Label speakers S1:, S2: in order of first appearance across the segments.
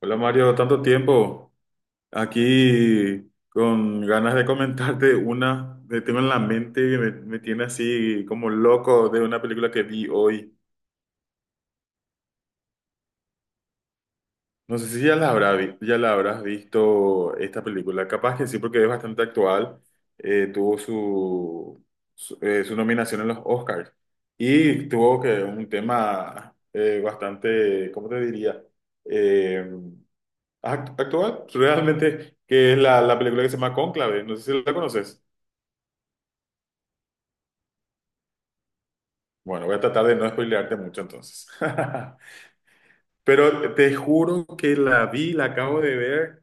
S1: Hola Mario, tanto tiempo. Aquí con ganas de comentarte una que tengo en la mente que me tiene así como loco de una película que vi hoy. No sé si ya ya la habrás visto esta película. Capaz que sí, porque es bastante actual. Tuvo su nominación en los Oscars y tuvo que un tema bastante, ¿cómo te diría? Eh, Actual, realmente, que es la película que se llama Cónclave, no sé si la conoces. Bueno, voy a tratar de no spoilearte mucho entonces. Pero te juro que la vi, la acabo de ver,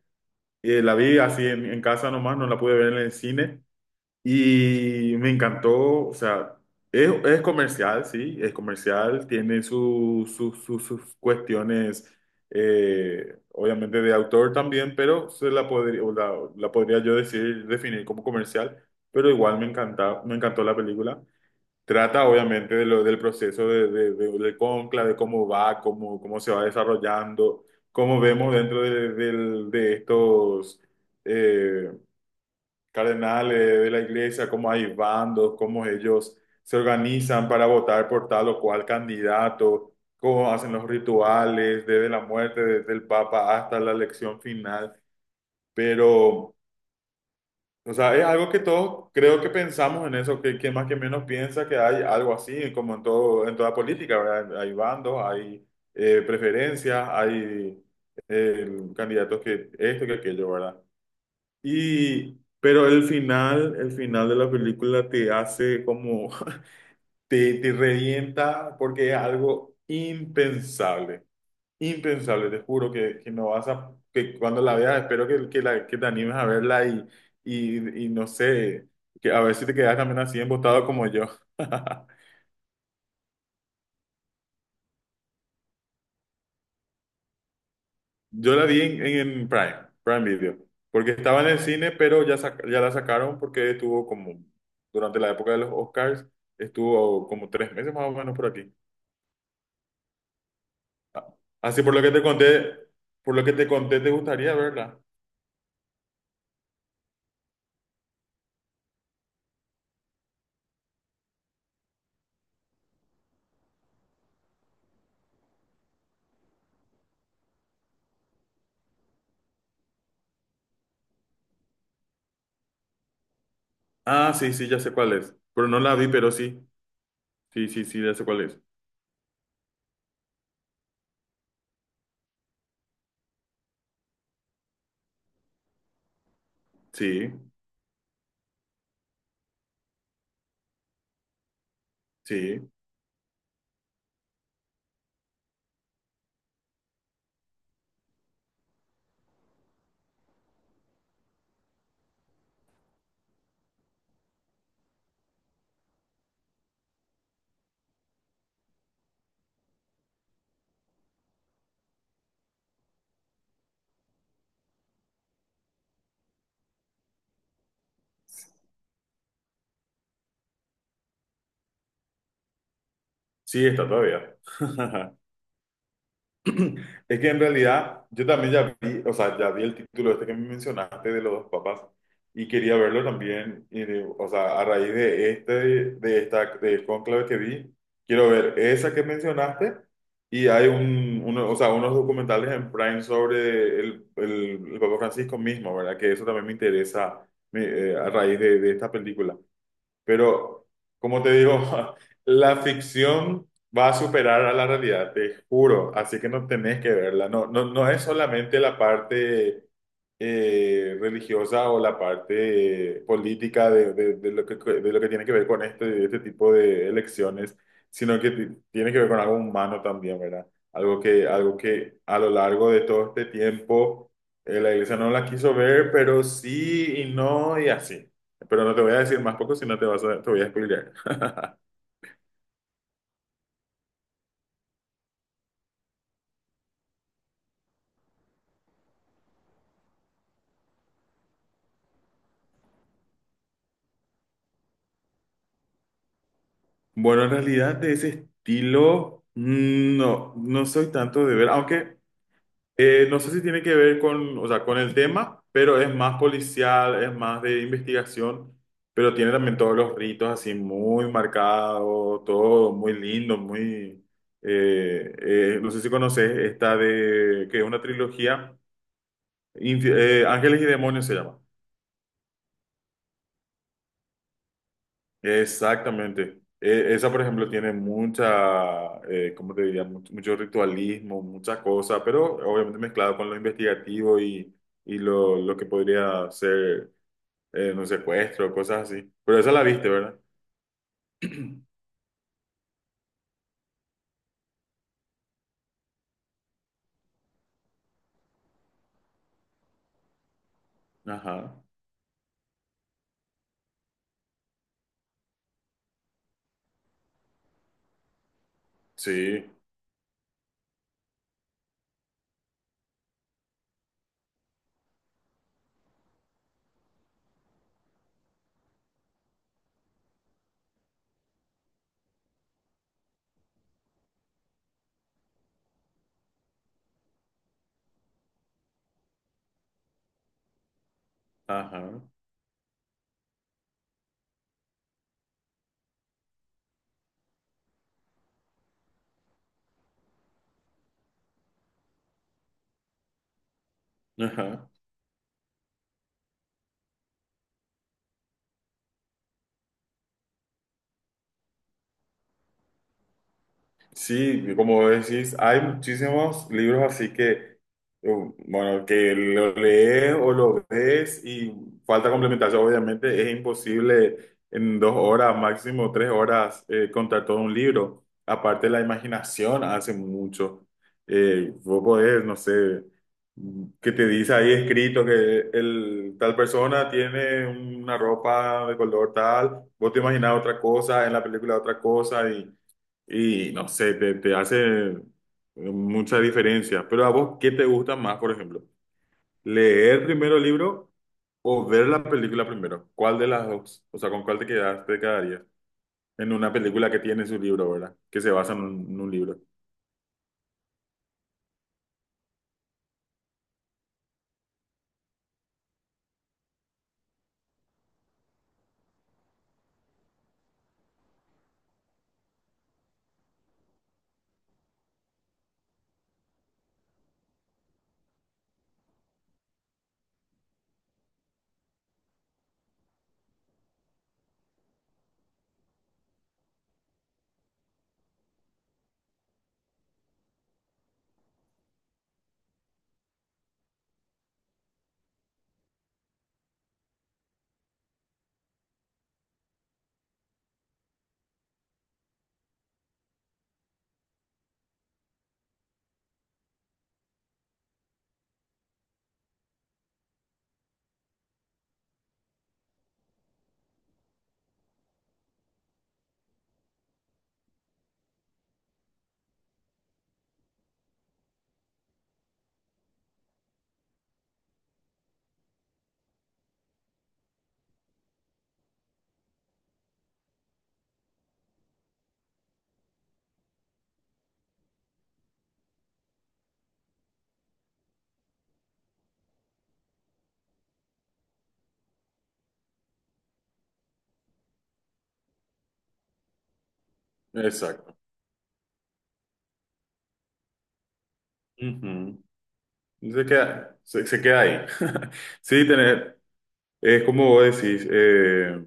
S1: la vi así en casa nomás, no la pude ver en el cine. Y me encantó, o sea, es comercial, sí, es comercial, tiene sus cuestiones, obviamente de autor también, pero se la podría, o la podría yo decir, definir como comercial, pero igual me encanta, me encantó la película. Trata obviamente de lo, del proceso del cónclave, de cómo va, cómo se va desarrollando, cómo vemos dentro de estos... eh, cardenales de la iglesia, cómo hay bandos, cómo ellos se organizan para votar por tal o cual candidato, cómo hacen los rituales desde la muerte, desde el Papa hasta la elección final. Pero, o sea, es algo que todos creo que pensamos en eso, que más que menos piensa que hay algo así, como en todo, en toda política, ¿verdad? Hay bandos, hay preferencias, hay candidatos que esto, que aquello, ¿verdad? Y, pero el final de la película te hace como, te revienta porque es algo impensable, impensable, te juro que no vas a, que cuando la veas, espero que te animes a verla y no sé, que a ver si te quedas también así embotado como yo. Yo la vi en Prime, Prime Video, porque estaba en el cine, pero ya, ya la sacaron porque estuvo como, durante la época de los Oscars, estuvo como tres meses más o menos por aquí. Ah. Así por lo que te conté, por lo que te conté, ¿te gustaría verla? Ah, sí, sí, ya sé cuál es, pero no la vi, pero sí, ya sé cuál es. Sí, sí, sí, está todavía. Es que en realidad yo también ya vi, o sea, ya vi el título este que me mencionaste de los dos papas y quería verlo también, o sea, a raíz de este, del cónclave que vi, quiero ver esa que mencionaste y hay o sea, unos documentales en Prime sobre el Papa Francisco mismo, ¿verdad? Que eso también me interesa me- a raíz de esta película. Pero, como te digo, la ficción va a superar a la realidad, te juro. Así que no tenés que verla. No, no, no es solamente la parte religiosa o la parte política de lo que tiene que ver con este, este tipo de elecciones, sino que tiene que ver con algo humano también, ¿verdad? Algo que a lo largo de todo este tiempo la iglesia no la quiso ver, pero sí y no y así. Pero no te voy a decir más poco si no te vas a, te voy a spoilear. Bueno, en realidad de ese estilo, mm, no, no soy tanto de ver, aunque no sé si tiene que ver con, o sea, con el tema, pero es más policial, es más de investigación, pero tiene también todos los ritos así muy marcados, todo muy lindo, no sé si conoces esta de, que es una trilogía, Ángeles y Demonios se llama. Exactamente. Esa, por ejemplo, tiene mucha, ¿cómo te diría? Mucho ritualismo, muchas cosas, pero obviamente mezclado con lo investigativo y lo que podría ser un secuestro, cosas así. Pero esa la viste, ¿verdad? Ajá. Sí. Ajá. Ajá. Sí, como decís, hay muchísimos libros así que, um, bueno, que lo lees o lo ves y falta complementación, obviamente, es imposible en dos horas, máximo tres horas, contar todo un libro. Aparte, la imaginación hace mucho. Vos podés, no sé, que te dice ahí escrito que el, tal persona tiene una ropa de color tal, vos te imaginás otra cosa, en la película otra cosa y... Y no sé, te hace mucha diferencia. Pero a vos, ¿qué te gusta más, por ejemplo? ¿Leer primero el libro o ver la película primero? ¿Cuál de las dos? O sea, ¿con cuál te quedas, te quedarías? En una película que tiene su libro, ¿verdad? Que se basa en en un libro. Exacto. Ujú. Se se queda ahí. Sí, tener, es como vos decís,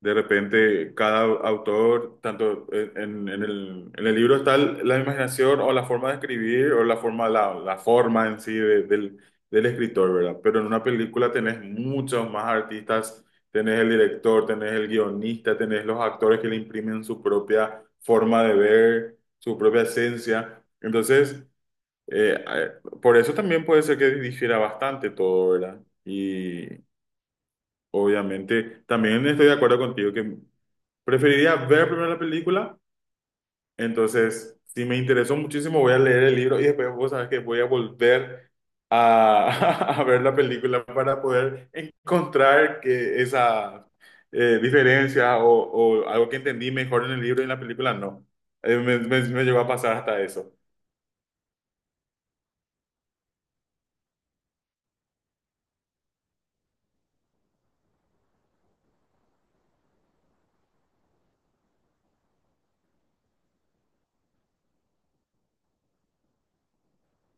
S1: de repente, cada autor, tanto en, en el libro está la imaginación o la forma de escribir o la forma en sí del, del escritor, ¿verdad? Pero en una película tenés muchos más artistas, tenés el director, tenés el guionista, tenés los actores que le imprimen su propia forma de ver, su propia esencia. Entonces, eh, eh, por eso también puede ser que difiera bastante todo, ¿verdad? Obviamente, también estoy de acuerdo contigo que preferiría ver primero la película. Entonces, si me interesó muchísimo, voy a leer el libro y después vos sabes que voy a volver a, a ver la película para poder encontrar que esa diferencia o algo que entendí mejor en el libro y en la película no. Me llegó a pasar hasta eso.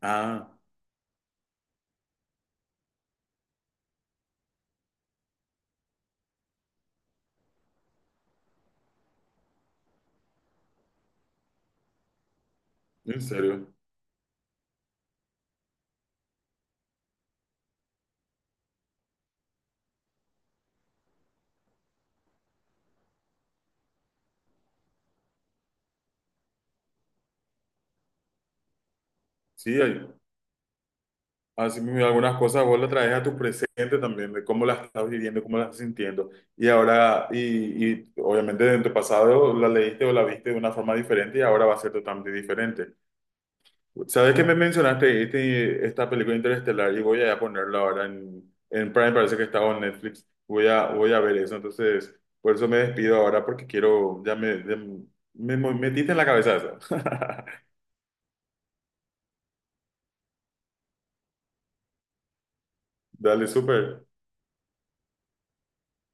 S1: Ah, en serio. Sí, hay- Así mismo, algunas cosas vos las traes a tu presente también, de cómo las estás viviendo, cómo las estás sintiendo. Y ahora, y obviamente en tu pasado la leíste o la viste de una forma diferente y ahora va a ser totalmente diferente. ¿Sabes que me mencionaste este, esta película Interestelar? Y voy a ponerla ahora en Prime, parece que estaba en Netflix. Voy a, voy a ver eso. Entonces, por eso me despido ahora porque quiero, ya me metiste en la cabeza eso. Dale, súper.